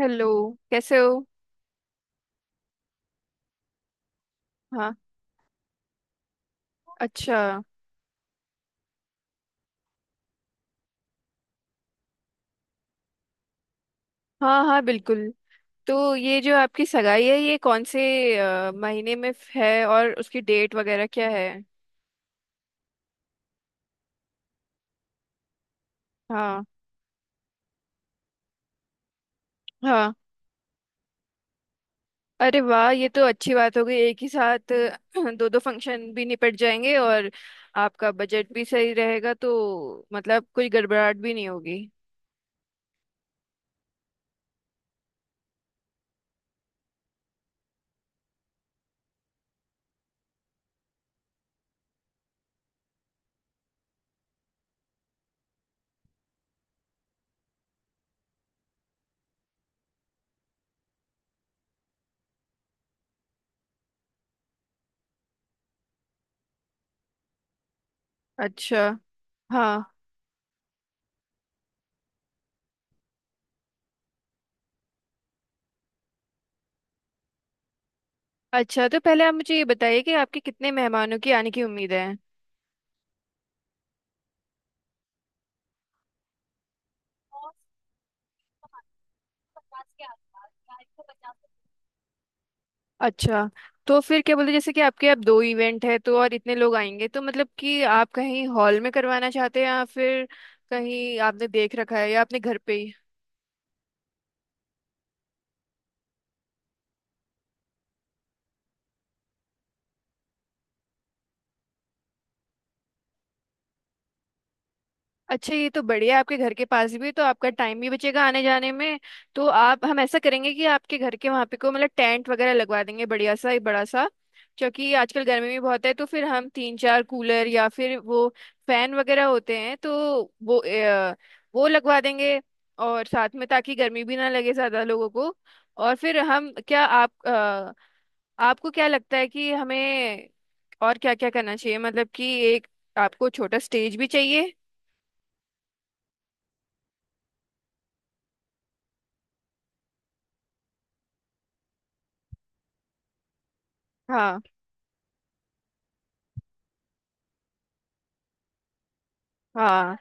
Hello. कैसे हो? हाँ। अच्छा। हाँ हाँ, बिल्कुल। तो ये जो आपकी सगाई है, ये कौन से महीने में है और उसकी डेट वगैरह क्या है? हाँ हाँ। अरे वाह, ये तो अच्छी बात हो गई। एक ही साथ दो दो फंक्शन भी निपट जाएंगे और आपका बजट भी सही रहेगा, तो मतलब कोई गड़बड़ाहट भी नहीं होगी। अच्छा। हाँ। अच्छा, तो पहले आप मुझे ये बताइए कि आपके कितने मेहमानों की आने की उम्मीद है। अच्छा, तो फिर क्या बोलते हैं, जैसे कि आपके अब दो इवेंट है तो और इतने लोग आएंगे, तो मतलब कि आप कहीं हॉल में करवाना चाहते हैं या फिर कहीं आपने देख रखा है या अपने घर पे ही? अच्छा, ये तो बढ़िया है। आपके घर के पास भी, तो आपका टाइम भी बचेगा आने जाने में। तो आप हम ऐसा करेंगे कि आपके घर के वहाँ पे को मतलब टेंट वगैरह लगवा देंगे बढ़िया सा एक बड़ा सा, क्योंकि आजकल गर्मी भी बहुत है, तो फिर हम तीन चार कूलर या फिर वो फैन वगैरह होते हैं, तो वो लगवा देंगे, और साथ में ताकि गर्मी भी ना लगे ज्यादा लोगों को। और फिर हम क्या आप अ, आपको क्या लगता है कि हमें और क्या क्या करना चाहिए? मतलब कि एक आपको छोटा स्टेज भी चाहिए। हाँ हाँ।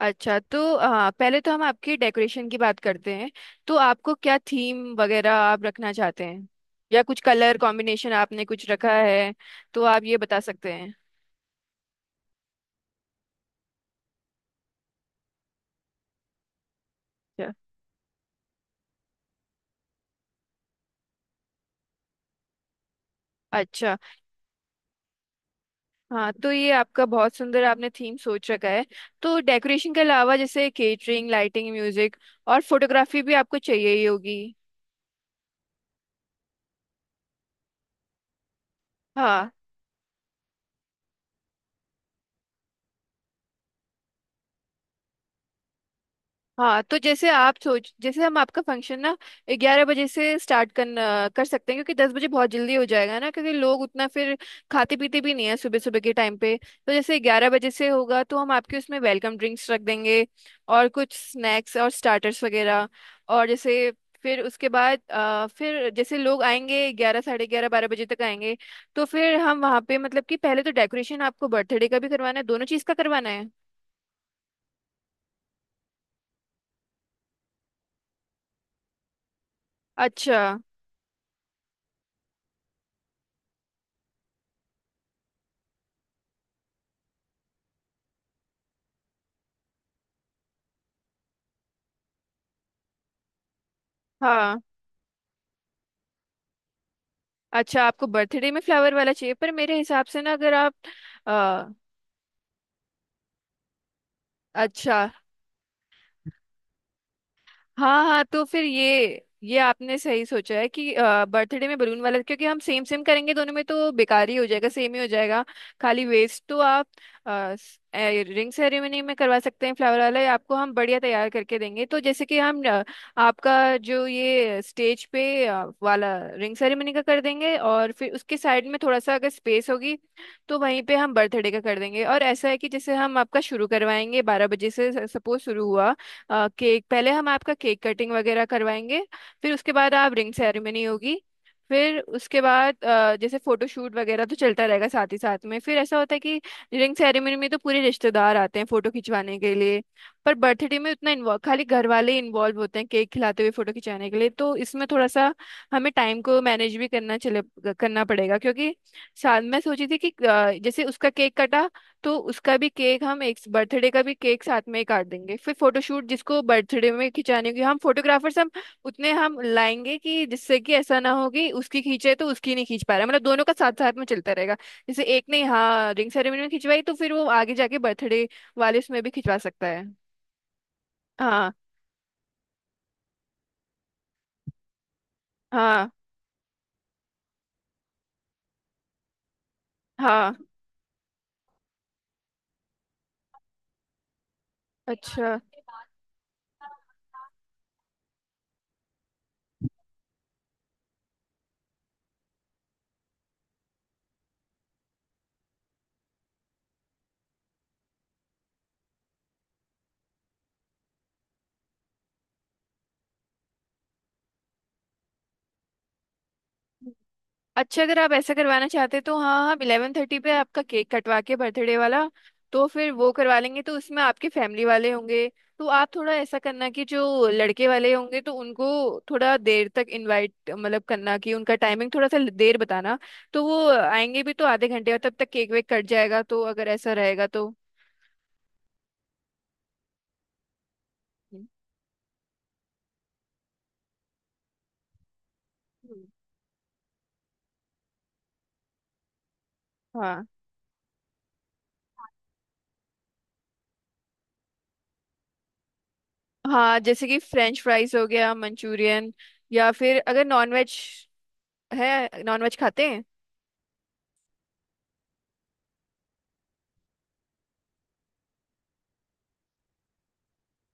अच्छा, तो हाँ, पहले तो हम आपकी डेकोरेशन की बात करते हैं। तो आपको क्या थीम वगैरह आप रखना चाहते हैं या कुछ कलर कॉम्बिनेशन आपने कुछ रखा है, तो आप ये बता सकते हैं। अच्छा। अच्छा। हाँ, तो ये आपका बहुत सुंदर आपने थीम सोच रखा है। तो डेकोरेशन के अलावा जैसे केटरिंग, लाइटिंग, म्यूजिक और फोटोग्राफी भी आपको चाहिए ही होगी। हाँ। हाँ, तो जैसे आप सोच जैसे हम आपका फंक्शन ना 11 बजे से स्टार्ट करना कर सकते हैं, क्योंकि 10 बजे बहुत जल्दी हो जाएगा ना, क्योंकि लोग उतना फिर खाते पीते भी नहीं है सुबह सुबह के टाइम पे। तो जैसे 11 बजे से होगा तो हम आपके उसमें वेलकम ड्रिंक्स रख देंगे, और कुछ स्नैक्स और स्टार्टर्स वगैरह। और जैसे फिर उसके बाद फिर जैसे लोग आएंगे 11, साढ़े 11, 12 बजे तक आएंगे। तो फिर हम वहाँ पे मतलब कि पहले तो डेकोरेशन, आपको बर्थडे का भी करवाना है, दोनों चीज़ का करवाना है। अच्छा। हाँ। अच्छा, आपको बर्थडे में फ्लावर वाला चाहिए? पर मेरे हिसाब से ना, अगर आप अ, अच्छा। हाँ हाँ, तो फिर ये आपने सही सोचा है कि बर्थडे में बलून वाला, क्योंकि हम सेम सेम करेंगे दोनों में तो बेकार ही हो जाएगा, सेम ही हो जाएगा, खाली वेस्ट। तो आप रिंग सेरेमनी में करवा सकते हैं फ्लावर वाला, या आपको हम बढ़िया तैयार करके देंगे। तो जैसे कि आपका जो ये स्टेज पे वाला रिंग सेरेमनी का कर देंगे, और फिर उसके साइड में थोड़ा सा अगर स्पेस होगी तो वहीं पे हम बर्थडे का कर देंगे। और ऐसा है कि जैसे हम आपका शुरू करवाएंगे 12 बजे से सपोज शुरू हुआ। केक, पहले हम आपका केक कटिंग वगैरह करवाएंगे। फिर उसके बाद आप रिंग सेरेमनी होगी। फिर उसके बाद जैसे फोटोशूट वगैरह तो चलता रहेगा साथ ही साथ में। फिर ऐसा होता है कि रिंग सेरेमनी में तो पूरे रिश्तेदार आते हैं फोटो खिंचवाने के लिए, पर बर्थडे में उतना इन्वॉल्व खाली घर वाले ही इन्वॉल्व होते हैं केक खिलाते हुए फोटो खिंचाने के लिए। तो इसमें थोड़ा सा हमें टाइम को मैनेज भी करना पड़ेगा, क्योंकि साथ मैं सोची थी कि जैसे उसका केक कटा, तो उसका भी केक, हम एक बर्थडे का भी केक साथ में ही काट देंगे। फिर फोटोशूट, जिसको बर्थडे में खिंचाने होगी, हम फोटोग्राफर्स हम उतने हम लाएंगे कि जिससे कि ऐसा ना हो कि उसकी खींचे तो उसकी नहीं खींच पा रहा, मतलब दोनों का साथ साथ में चलता रहेगा। जैसे एक ने हाँ रिंग सेरेमनी में खिंचवाई, तो फिर वो आगे जाके बर्थडे वाले उसमें भी खिंचवा सकता है। हाँ हाँ हाँ। अच्छा अच्छा, अगर आप ऐसा करवाना चाहते तो हाँ, हम 11:30 पे आपका केक कटवा के बर्थडे वाला तो फिर वो करवा लेंगे, तो उसमें आपके फैमिली वाले होंगे। तो आप थोड़ा ऐसा करना कि जो लड़के वाले होंगे तो उनको थोड़ा देर तक इनवाइट मतलब करना कि उनका टाइमिंग थोड़ा सा देर बताना। तो वो आएंगे भी तो आधे घंटे, और तब तक केक वेक कट जाएगा, तो अगर ऐसा रहेगा तो। हम्म। हाँ। हाँ, जैसे कि फ्रेंच फ्राइज हो गया, मंचूरियन, या फिर अगर नॉन वेज है, नॉन वेज खाते हैं?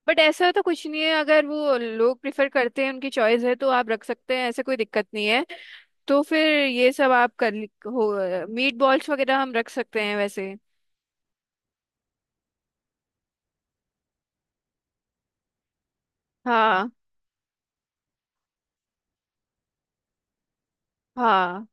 बट ऐसा तो कुछ नहीं है, अगर वो लोग प्रिफर करते हैं, उनकी चॉइस है तो आप रख सकते हैं, ऐसे कोई दिक्कत नहीं है। तो फिर ये सब आप कर ली- हो। मीट बॉल्स वगैरह हम रख सकते हैं वैसे। हाँ हाँ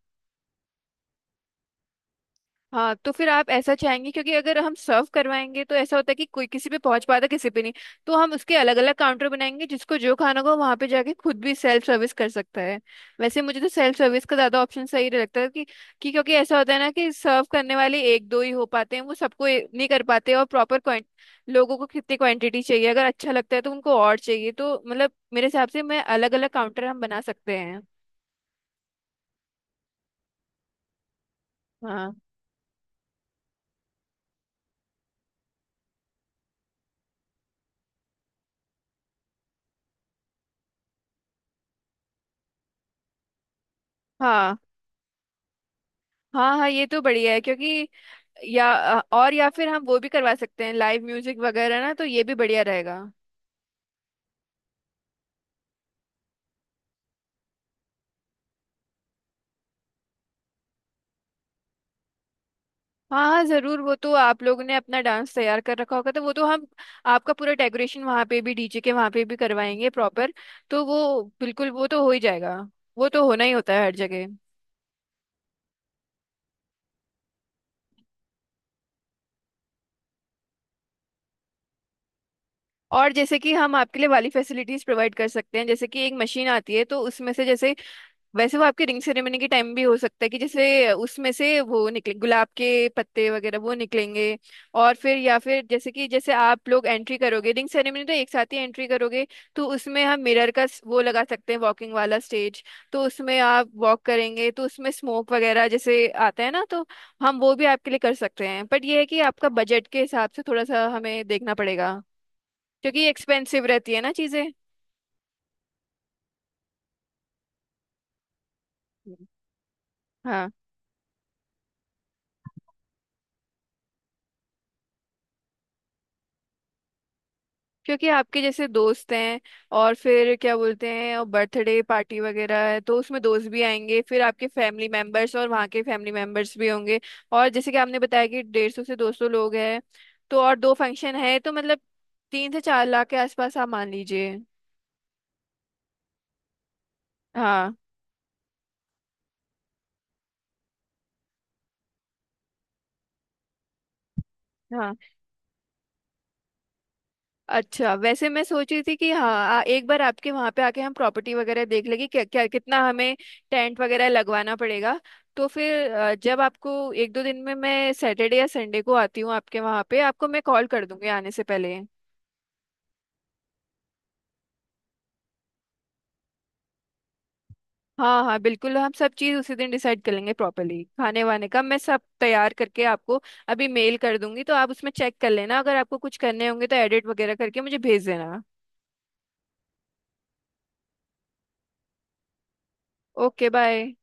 हाँ, तो फिर आप ऐसा चाहेंगे? क्योंकि अगर हम सर्व करवाएंगे तो ऐसा होता है कि कोई किसी पे पहुंच पाता किसी पे नहीं। तो हम उसके अलग अलग काउंटर बनाएंगे, जिसको जो खाना हो वहां पे जाके खुद भी सेल्फ सर्विस कर सकता है। वैसे मुझे तो सेल्फ सर्विस का ज्यादा ऑप्शन सही लगता है, कि क्योंकि ऐसा होता है ना कि सर्व करने वाले एक दो ही हो पाते हैं, वो सबको ए- नहीं कर पाते, और प्रॉपर क्वांट, लोगों को कितनी क्वांटिटी चाहिए अगर अच्छा लगता है तो उनको और चाहिए, तो मतलब मेरे हिसाब से मैं अलग अलग काउंटर हम बना सकते हैं। हाँ। हाँ हाँ हाँ, ये तो बढ़िया है, क्योंकि या या फिर हम वो भी करवा सकते हैं लाइव म्यूजिक वगैरह ना, तो ये भी बढ़िया रहेगा। हाँ हाँ जरूर, वो तो आप लोगों ने अपना डांस तैयार कर रखा होगा, तो वो तो हम आपका पूरा डेकोरेशन वहाँ पे भी, डीजे के वहाँ पे भी करवाएंगे प्रॉपर। तो वो बिल्कुल, वो तो हो ही जाएगा, वो तो होना ही होता है हर जगह। और जैसे कि हम आपके लिए वाली फैसिलिटीज प्रोवाइड कर सकते हैं, जैसे कि एक मशीन आती है तो उसमें से जैसे, वैसे वो आपके रिंग सेरेमनी के टाइम भी हो सकता है कि जैसे उसमें से वो निकले, गुलाब के पत्ते वगैरह वो निकलेंगे। और फिर या फिर जैसे आप लोग एंट्री करोगे रिंग सेरेमनी तो एक साथ ही एंट्री करोगे, तो उसमें हम मिरर का वो लगा सकते हैं, वॉकिंग वाला स्टेज, तो उसमें आप वॉक करेंगे तो उसमें स्मोक वगैरह जैसे आता है ना, तो हम वो भी आपके लिए कर सकते हैं, बट ये है कि आपका बजट के हिसाब से थोड़ा सा हमें देखना पड़ेगा, क्योंकि एक्सपेंसिव रहती है ना चीज़ें। हाँ, क्योंकि आपके जैसे दोस्त हैं और फिर क्या बोलते हैं और बर्थडे पार्टी वगैरह है तो उसमें दोस्त भी आएंगे, फिर आपके फैमिली मेंबर्स और वहाँ के फैमिली मेंबर्स भी होंगे। और जैसे कि आपने बताया कि 150 से 200 लोग हैं, तो और दो फंक्शन है, तो मतलब 3 से 4 लाख के आसपास आप मान लीजिए। हाँ हाँ। अच्छा, वैसे मैं सोच रही थी कि हाँ, एक बार आपके वहां पे आके हम प्रॉपर्टी वगैरह देख लेंगे, क्या क्या कितना हमें टेंट वगैरह लगवाना पड़ेगा। तो फिर जब आपको एक दो दिन में, मैं सैटरडे या संडे को आती हूँ आपके वहां पे, आपको मैं कॉल कर दूंगी आने से पहले। हाँ हाँ बिल्कुल, हम सब चीज़ उसी दिन डिसाइड कर लेंगे प्रॉपरली, खाने वाने का मैं सब तैयार करके आपको अभी मेल कर दूंगी, तो आप उसमें चेक कर लेना, अगर आपको कुछ करने होंगे तो एडिट वगैरह करके मुझे भेज देना। Okay bye.